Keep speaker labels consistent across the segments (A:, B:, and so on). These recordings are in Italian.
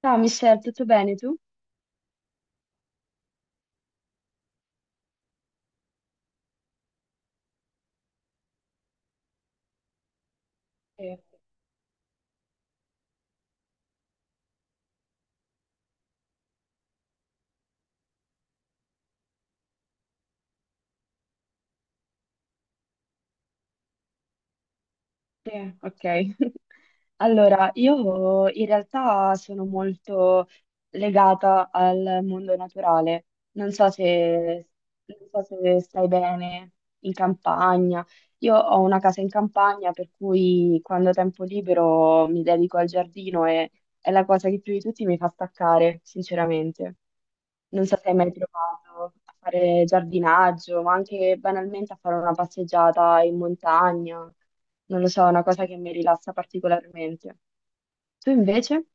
A: Ciao Michelle, tutto bene tu? Sì. Sì, ok. Allora, io in realtà sono molto legata al mondo naturale. Non so se, non so se stai bene in campagna. Io ho una casa in campagna, per cui quando ho tempo libero mi dedico al giardino e è la cosa che più di tutti mi fa staccare, sinceramente. Non so se hai mai provato a fare giardinaggio, ma anche banalmente a fare una passeggiata in montagna. Non lo so, è una cosa che mi rilassa particolarmente. Tu invece?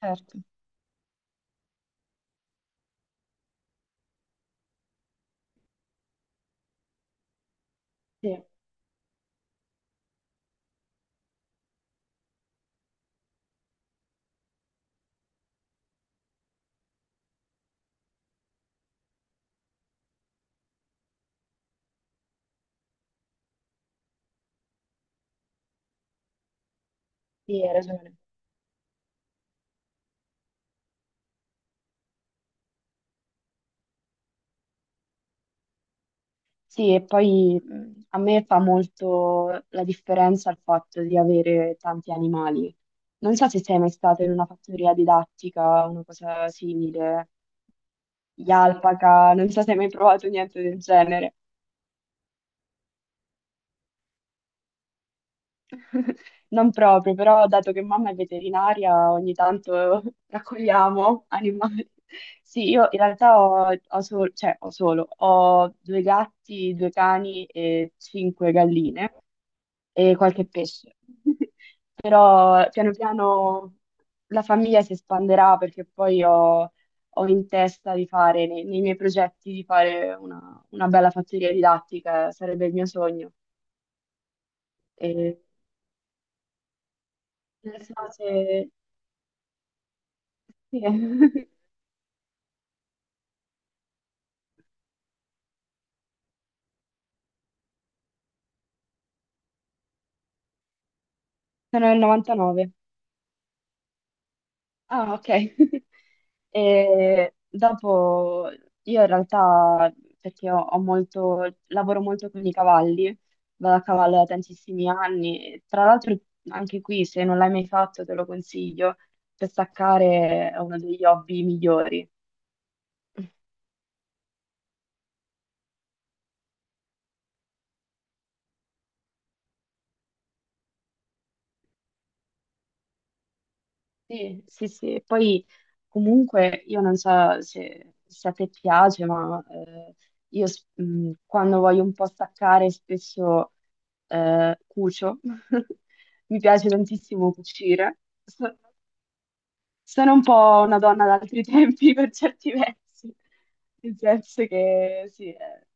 A: Certo. Sì, sì, hai ragione. Sì, e poi a me fa molto la differenza il fatto di avere tanti animali. Non so se sei mai stato in una fattoria didattica o una cosa simile, gli alpaca, non so se hai mai provato niente del genere. Non proprio, però dato che mamma è veterinaria, ogni tanto raccogliamo animali. Sì, io in realtà ho solo, ho due gatti, due cani e cinque galline e qualche pesce. Però piano piano la famiglia si espanderà perché ho in testa di fare, nei miei progetti, di fare una bella fattoria didattica, sarebbe il mio sogno. E non so se, Sì, sono nel 99. Ah, ok. E dopo io in realtà, perché lavoro molto con i cavalli, vado a cavallo da tantissimi anni. E tra l'altro, anche qui, se non l'hai mai fatto, te lo consiglio, per staccare è uno degli hobby migliori. Sì, sì, sì. E poi comunque io non so se, se a te piace, ma quando voglio un po' staccare spesso cucio. Mi piace tantissimo cucire. So- Sono un po' una donna d'altri tempi per certi versi, nel senso che sì.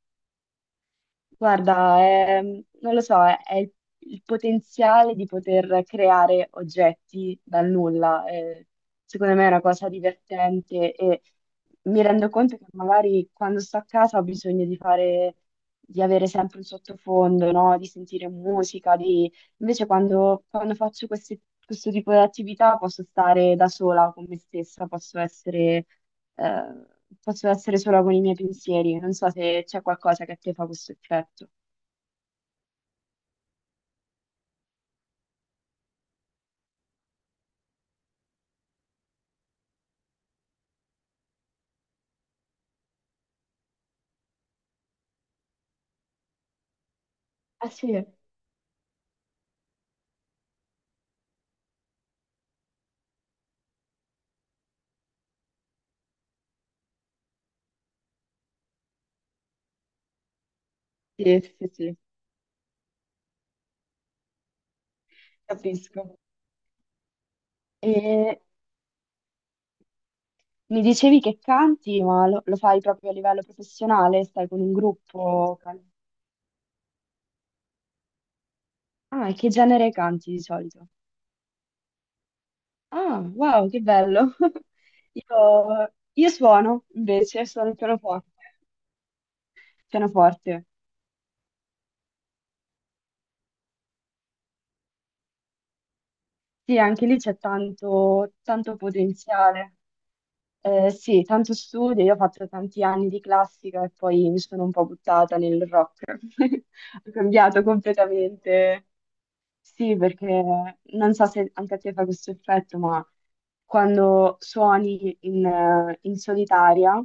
A: Guarda, non lo so, è il potenziale di poter creare oggetti dal nulla. Secondo me è una cosa divertente e mi rendo conto che magari quando sto a casa ho bisogno di fare, di avere sempre un sottofondo, no? Di sentire musica, di... Invece quando faccio questo tipo di attività posso stare da sola con me stessa, eh, posso essere sola con i miei pensieri. Non so se c'è qualcosa che a te fa questo effetto. Ah sì, sì, sì, sì, capisco. E mi dicevi che canti, ma lo, lo fai proprio a livello professionale? Stai con un gruppo? Can- Ah, e che genere canti di solito? Ah, wow, che bello! Io suono, invece, suono il pianoforte. Pianoforte. Sì, anche lì c'è tanto, tanto potenziale. Sì, tanto studio, io ho fatto tanti anni di classica e poi mi sono un po' buttata nel rock. Ho cambiato completamente. Sì, perché non so se anche a te fa questo effetto, ma quando suoni in, in solitaria,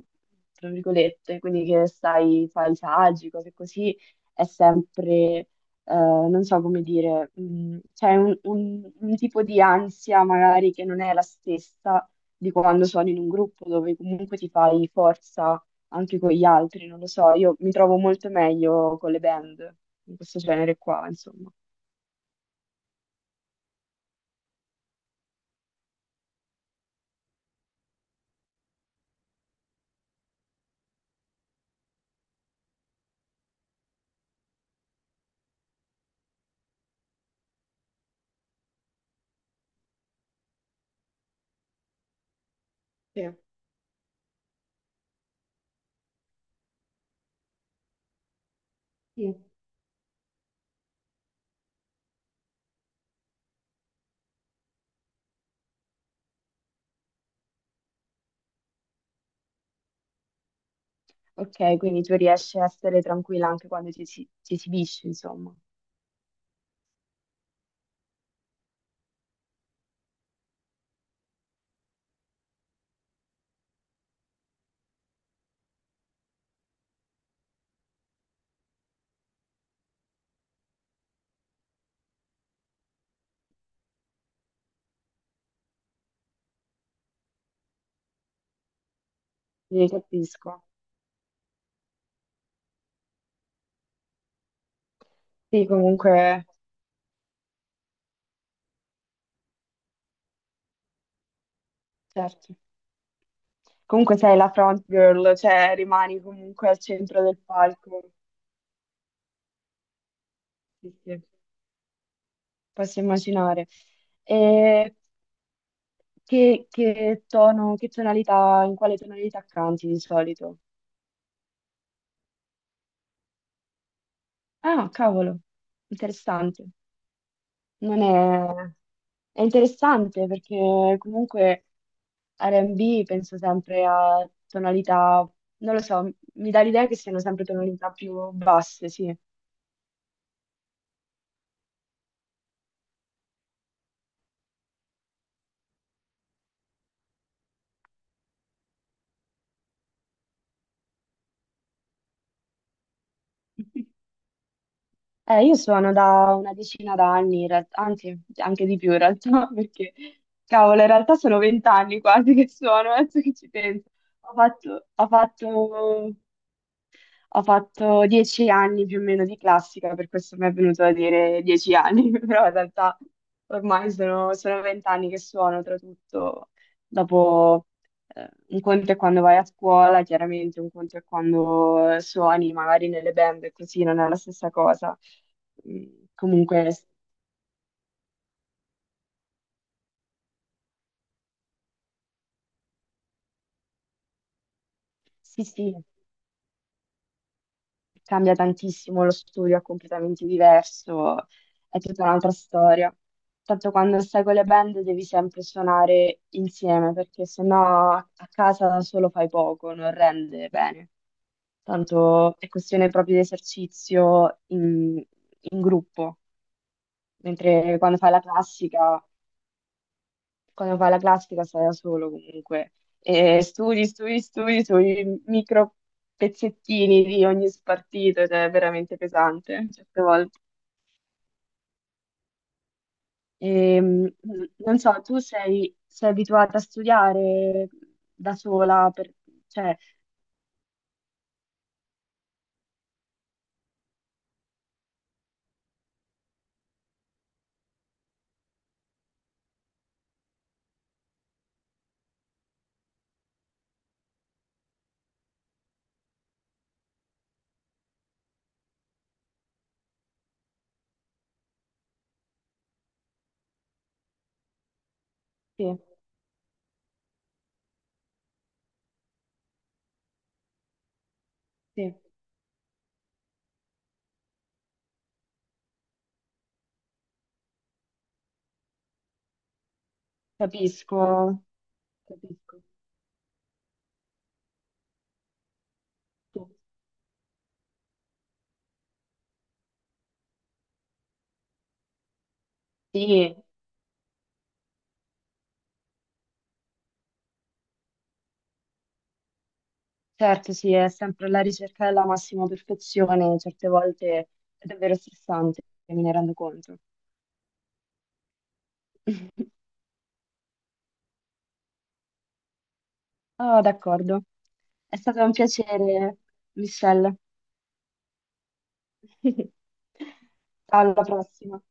A: tra virgolette, quindi che stai, fai saggi, cose così, è sempre non so come dire, c'è un, un tipo di ansia magari che non è la stessa di quando sono in un gruppo dove comunque ti fai forza anche con gli altri, non lo so, io mi trovo molto meglio con le band, in questo genere qua, insomma. Sì. Sì. Ok, quindi tu riesci a essere tranquilla anche quando ti, ti esibisci, insomma. Sì, capisco. Sì, comunque, certo. Comunque sei la front girl, cioè rimani comunque al centro del palco. Sì, sì, posso immaginare. E che tono, che tonalità, in quale tonalità canti di solito? Ah, cavolo, interessante. Non è... È interessante perché comunque R&B penso sempre a tonalità, non lo so, mi dà l'idea che siano sempre tonalità più basse, sì. Io suono da una decina d'anni, in realtà, anzi, anche di più in realtà, perché, cavolo, in realtà sono 20 anni quasi che suono, adesso che ci penso. Ho fatto, ho fatto ho fatto 10 anni più o meno di classica, per questo mi è venuto a dire 10 anni, però in realtà ormai sono, sono 20 anni che suono, oltretutto dopo un conto è quando vai a scuola, chiaramente un conto è quando suoni magari nelle band e così, non è la stessa cosa. Mm, Comunque, sì, sì, cambia tantissimo, lo studio è completamente diverso, è tutta un'altra storia. Tanto quando stai con le band devi sempre suonare insieme, perché sennò a casa da solo fai poco, non rende bene. Tanto è questione proprio di esercizio in, in gruppo, mentre quando fai la classica stai da solo comunque. E studi, studi, studi sui micro pezzettini di ogni spartito ed è veramente pesante certe volte. Ehm, non so, sei abituata a studiare da sola, cioè, sì, sì, capisco, capisco. Sì, certo, sì, è sempre la ricerca della massima perfezione, certe volte è davvero stressante, me ne rendo conto. Oh, d'accordo. È stato un piacere, Michelle. Ciao, alla prossima.